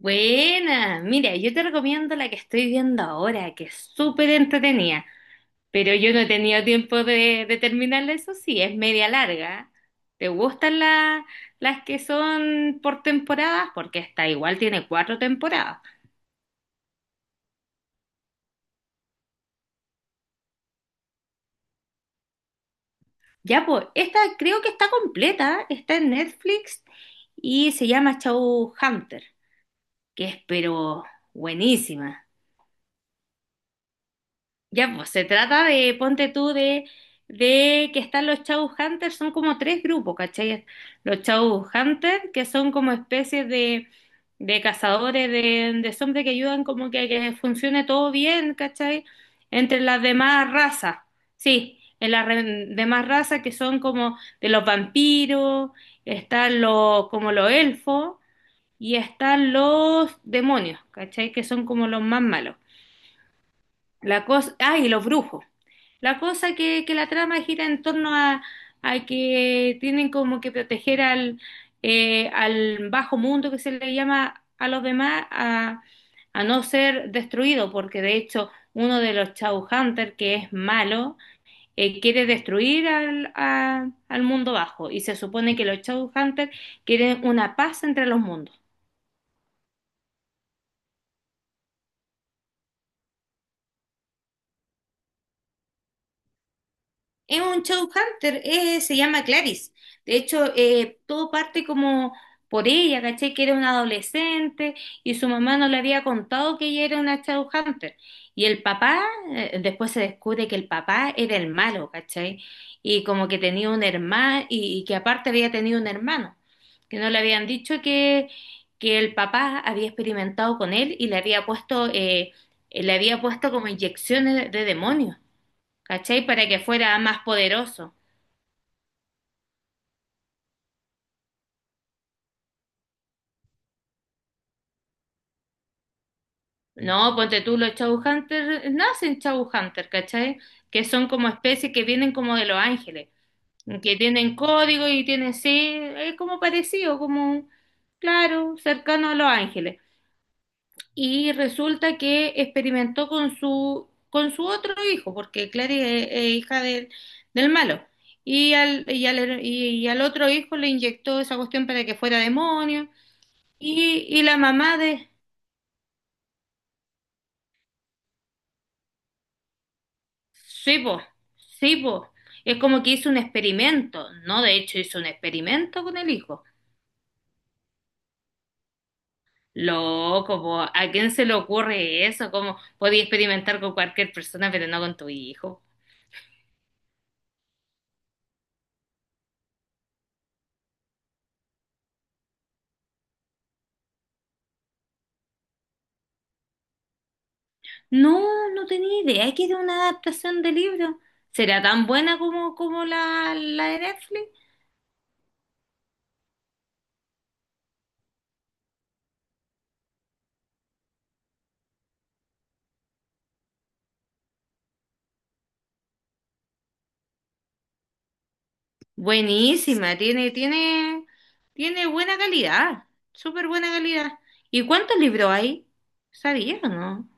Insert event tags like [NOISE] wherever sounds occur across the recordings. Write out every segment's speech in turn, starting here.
Buena, mira, yo te recomiendo la que estoy viendo ahora, que es súper entretenida, pero yo no he tenido tiempo de terminarla, eso sí, es media larga. ¿Te gustan las que son por temporadas? Porque esta igual tiene cuatro temporadas. Ya, pues, esta creo que está completa, está en Netflix y se llama Hunter, que es pero buenísima. Ya, pues se trata de, ponte tú, de que están los Hunters, son como tres grupos, ¿cachai? Los Hunters, que son como especies de cazadores de zombies que ayudan como que funcione todo bien, ¿cachai? Entre las demás razas, sí, en las demás razas que son como de los vampiros, están como los elfos, y están los demonios, ¿cachai? Que son como los más malos. La cosa, y los brujos. La cosa que la trama gira en torno a que tienen como que proteger al bajo mundo, que se le llama a los demás, a no ser destruido, porque de hecho uno de los Shadowhunters que es malo quiere destruir al mundo bajo, y se supone que los Shadowhunters quieren una paz entre los mundos. Es un showhunter, se llama Clarice. De hecho, todo parte como por ella, ¿cachai? Que era una adolescente y su mamá no le había contado que ella era una showhunter. Y el papá, después se descubre que el papá era el malo, ¿cachai? Y como que tenía un hermano, y que aparte había tenido un hermano, que no le habían dicho que el papá había experimentado con él y le había puesto como inyecciones de demonios. ¿Cachai? Para que fuera más poderoso. No, ponte tú, los Shadowhunters nacen Shadowhunters, ¿cachai? Que son como especies que vienen como de los ángeles, que tienen código y tienen, sí, es como parecido, como, claro, cercano a los ángeles. Y resulta que experimentó con su otro hijo, porque Clary es hija del malo. Y al otro hijo le inyectó esa cuestión para que fuera demonio. Y la mamá de... Sí, po, sí, po. Es como que hizo un experimento, ¿no? De hecho, hizo un experimento con el hijo. Loco, po, ¿a quién se le ocurre eso? ¿Cómo podía experimentar con cualquier persona, pero no con tu hijo? No, no tenía idea que era una adaptación de libro. ¿Será tan buena como la de Netflix? Buenísima, tiene buena calidad, súper buena calidad. ¿Y cuántos libros hay? ¿Sabía o no?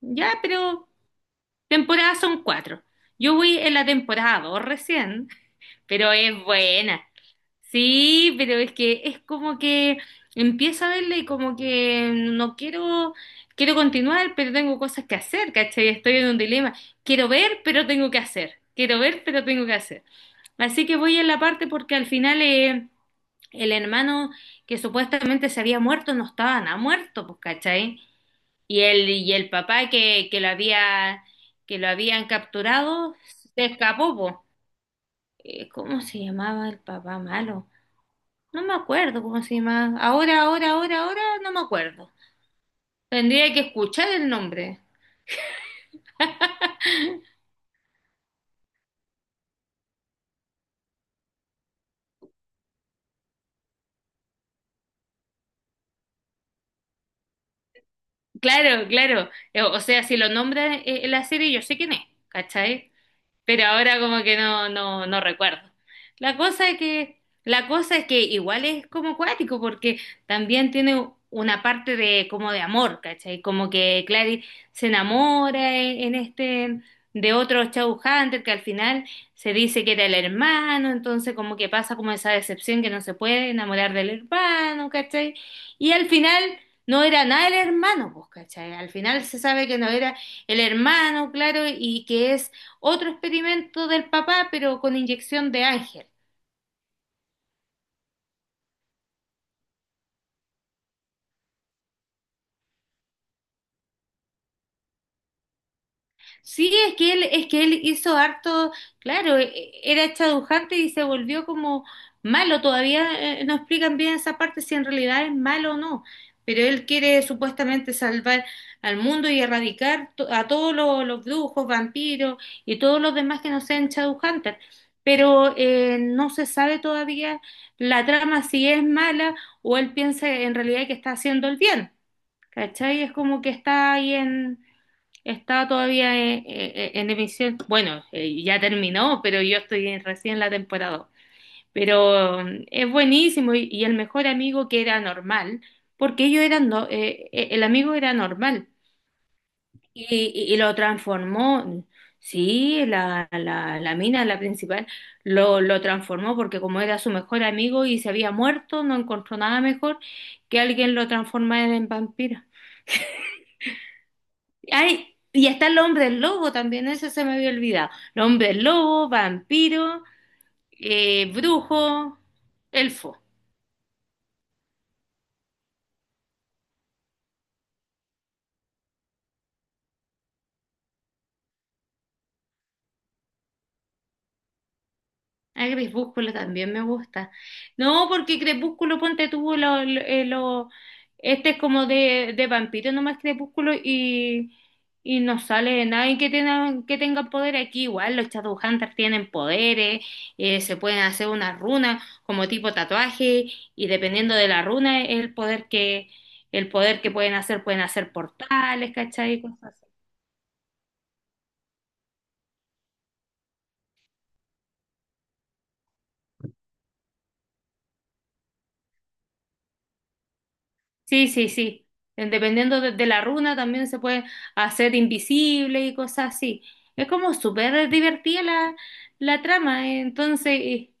Ya, pero... Temporadas son cuatro. Yo voy en la temporada dos recién, pero es buena. Sí, pero es que es como que empiezo a verla y como que no quiero, quiero continuar, pero tengo cosas que hacer, ¿cachai? Estoy en un dilema. Quiero ver, pero tengo que hacer. Quiero ver, pero tengo que hacer. Así que voy en la parte porque al final el hermano que supuestamente se había muerto no estaba nada muerto, pues, ¿cachai? Y el papá que lo habían capturado se escapó, po. ¿Cómo se llamaba el papá malo? No me acuerdo cómo se llamaba. Ahora no me acuerdo. Tendría que escuchar el nombre. Claro, claro. O sea, si lo nombra en la serie, yo sé quién es, ¿cachai? Pero ahora como que no recuerdo. La cosa es que igual es como cuático, porque también tiene una parte de como de amor, ¿cachai? Como que Clary se enamora en este de otro Shadow Hunter que al final se dice que era el hermano, entonces como que pasa como esa decepción que no se puede enamorar del hermano, ¿cachai? Y al final no era nada el hermano, pues, ¿cachai? Al final se sabe que no era el hermano, claro, y que es otro experimento del papá, pero con inyección de Ángel. Sí, es que él hizo harto, claro, era chadujante y se volvió como malo. Todavía no explican bien esa parte si en realidad es malo o no. Pero él quiere supuestamente salvar al mundo y erradicar a todos los brujos, vampiros y todos los demás que no sean chadujantes. Pero no se sabe todavía la trama si es mala o él piensa en realidad que está haciendo el bien. ¿Cachai? Es como que está ahí está todavía en emisión. Bueno, ya terminó, pero yo estoy recién en la temporada dos. Pero es buenísimo, y, el mejor amigo que era normal, porque ellos eran, el amigo era normal y, y lo transformó. Sí, la mina, la principal, lo transformó porque como era su mejor amigo y se había muerto, no encontró nada mejor que alguien lo transformara en vampiro. Ay, y está el hombre lobo también, eso se me había olvidado. El hombre lobo, vampiro, brujo, elfo. Ah, Crepúsculo también me gusta. No, porque Crepúsculo, ponte tú, este es como de vampiro nomás, Crepúsculo, y no sale nadie que tenga poder aquí. Igual los Shadowhunters tienen poderes, se pueden hacer unas runas como tipo tatuaje, y dependiendo de la runa es el poder que pueden hacer portales, ¿cachai? Cosas así. Sí, sí, sí. Dependiendo de la runa también se puede hacer invisible y cosas así. Es como súper divertida la trama. Entonces,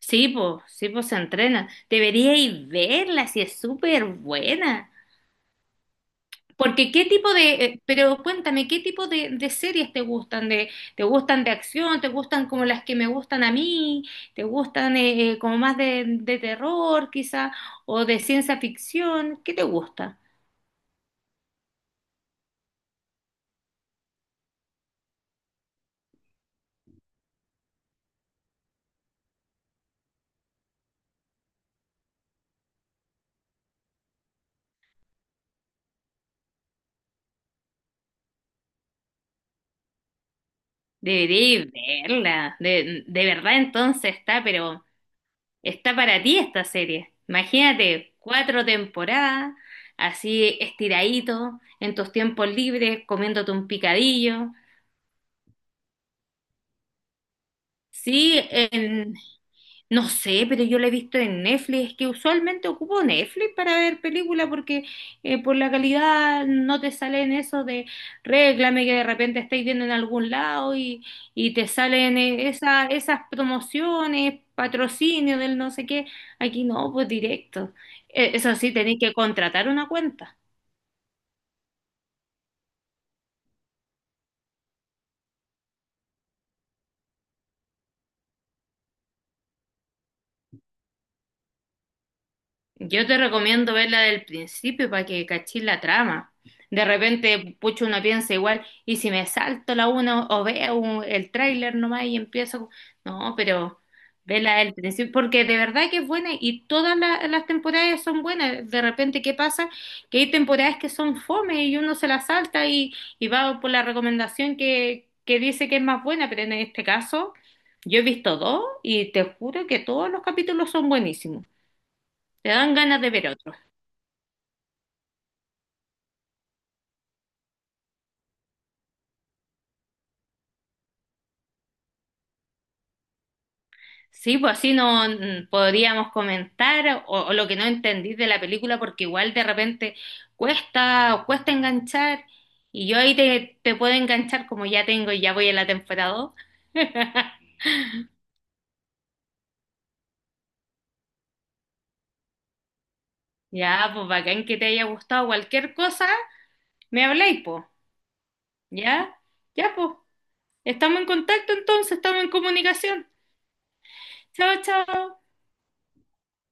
sí, pues se entrena. Deberíais verla, si es súper buena. Porque qué tipo de, Pero cuéntame, ¿qué tipo de series te gustan? Te gustan de acción? ¿Te gustan como las que me gustan a mí? ¿Te gustan como más de terror quizá? ¿O de ciencia ficción? ¿Qué te gusta? Debería verla. De verdad, entonces está, pero está para ti esta serie. Imagínate, cuatro temporadas, así estiradito, en tus tiempos libres, comiéndote un picadillo. Sí, no sé, pero yo la he visto en Netflix. Es que usualmente ocupo Netflix para ver películas porque por la calidad no te salen eso de réclame que de repente estáis viendo en algún lado, y te salen esas promociones, patrocinio del no sé qué. Aquí no, pues directo. Eso sí, tenéis que contratar una cuenta. Yo te recomiendo verla del principio para que cachis la trama. De repente, pucho, uno piensa igual, y si me salto la una o veo el tráiler nomás y empiezo. No, pero vela del principio, porque de verdad que es buena y todas las temporadas son buenas. De repente, ¿qué pasa? Que hay temporadas que son fome y uno se las salta y va por la recomendación que dice que es más buena, pero en este caso, yo he visto dos y te juro que todos los capítulos son buenísimos. Te dan ganas de ver otro. Sí, pues, así no podríamos comentar o lo que no entendí de la película, porque igual de repente cuesta, o cuesta enganchar, y yo ahí te puedo enganchar como ya tengo y ya voy a la temporada dos. [LAUGHS] Ya, pues, bacán que te haya gustado. Cualquier cosa, me habláis, pues. Ya, ya, pues. Estamos en contacto entonces, estamos en comunicación. Chao, chao.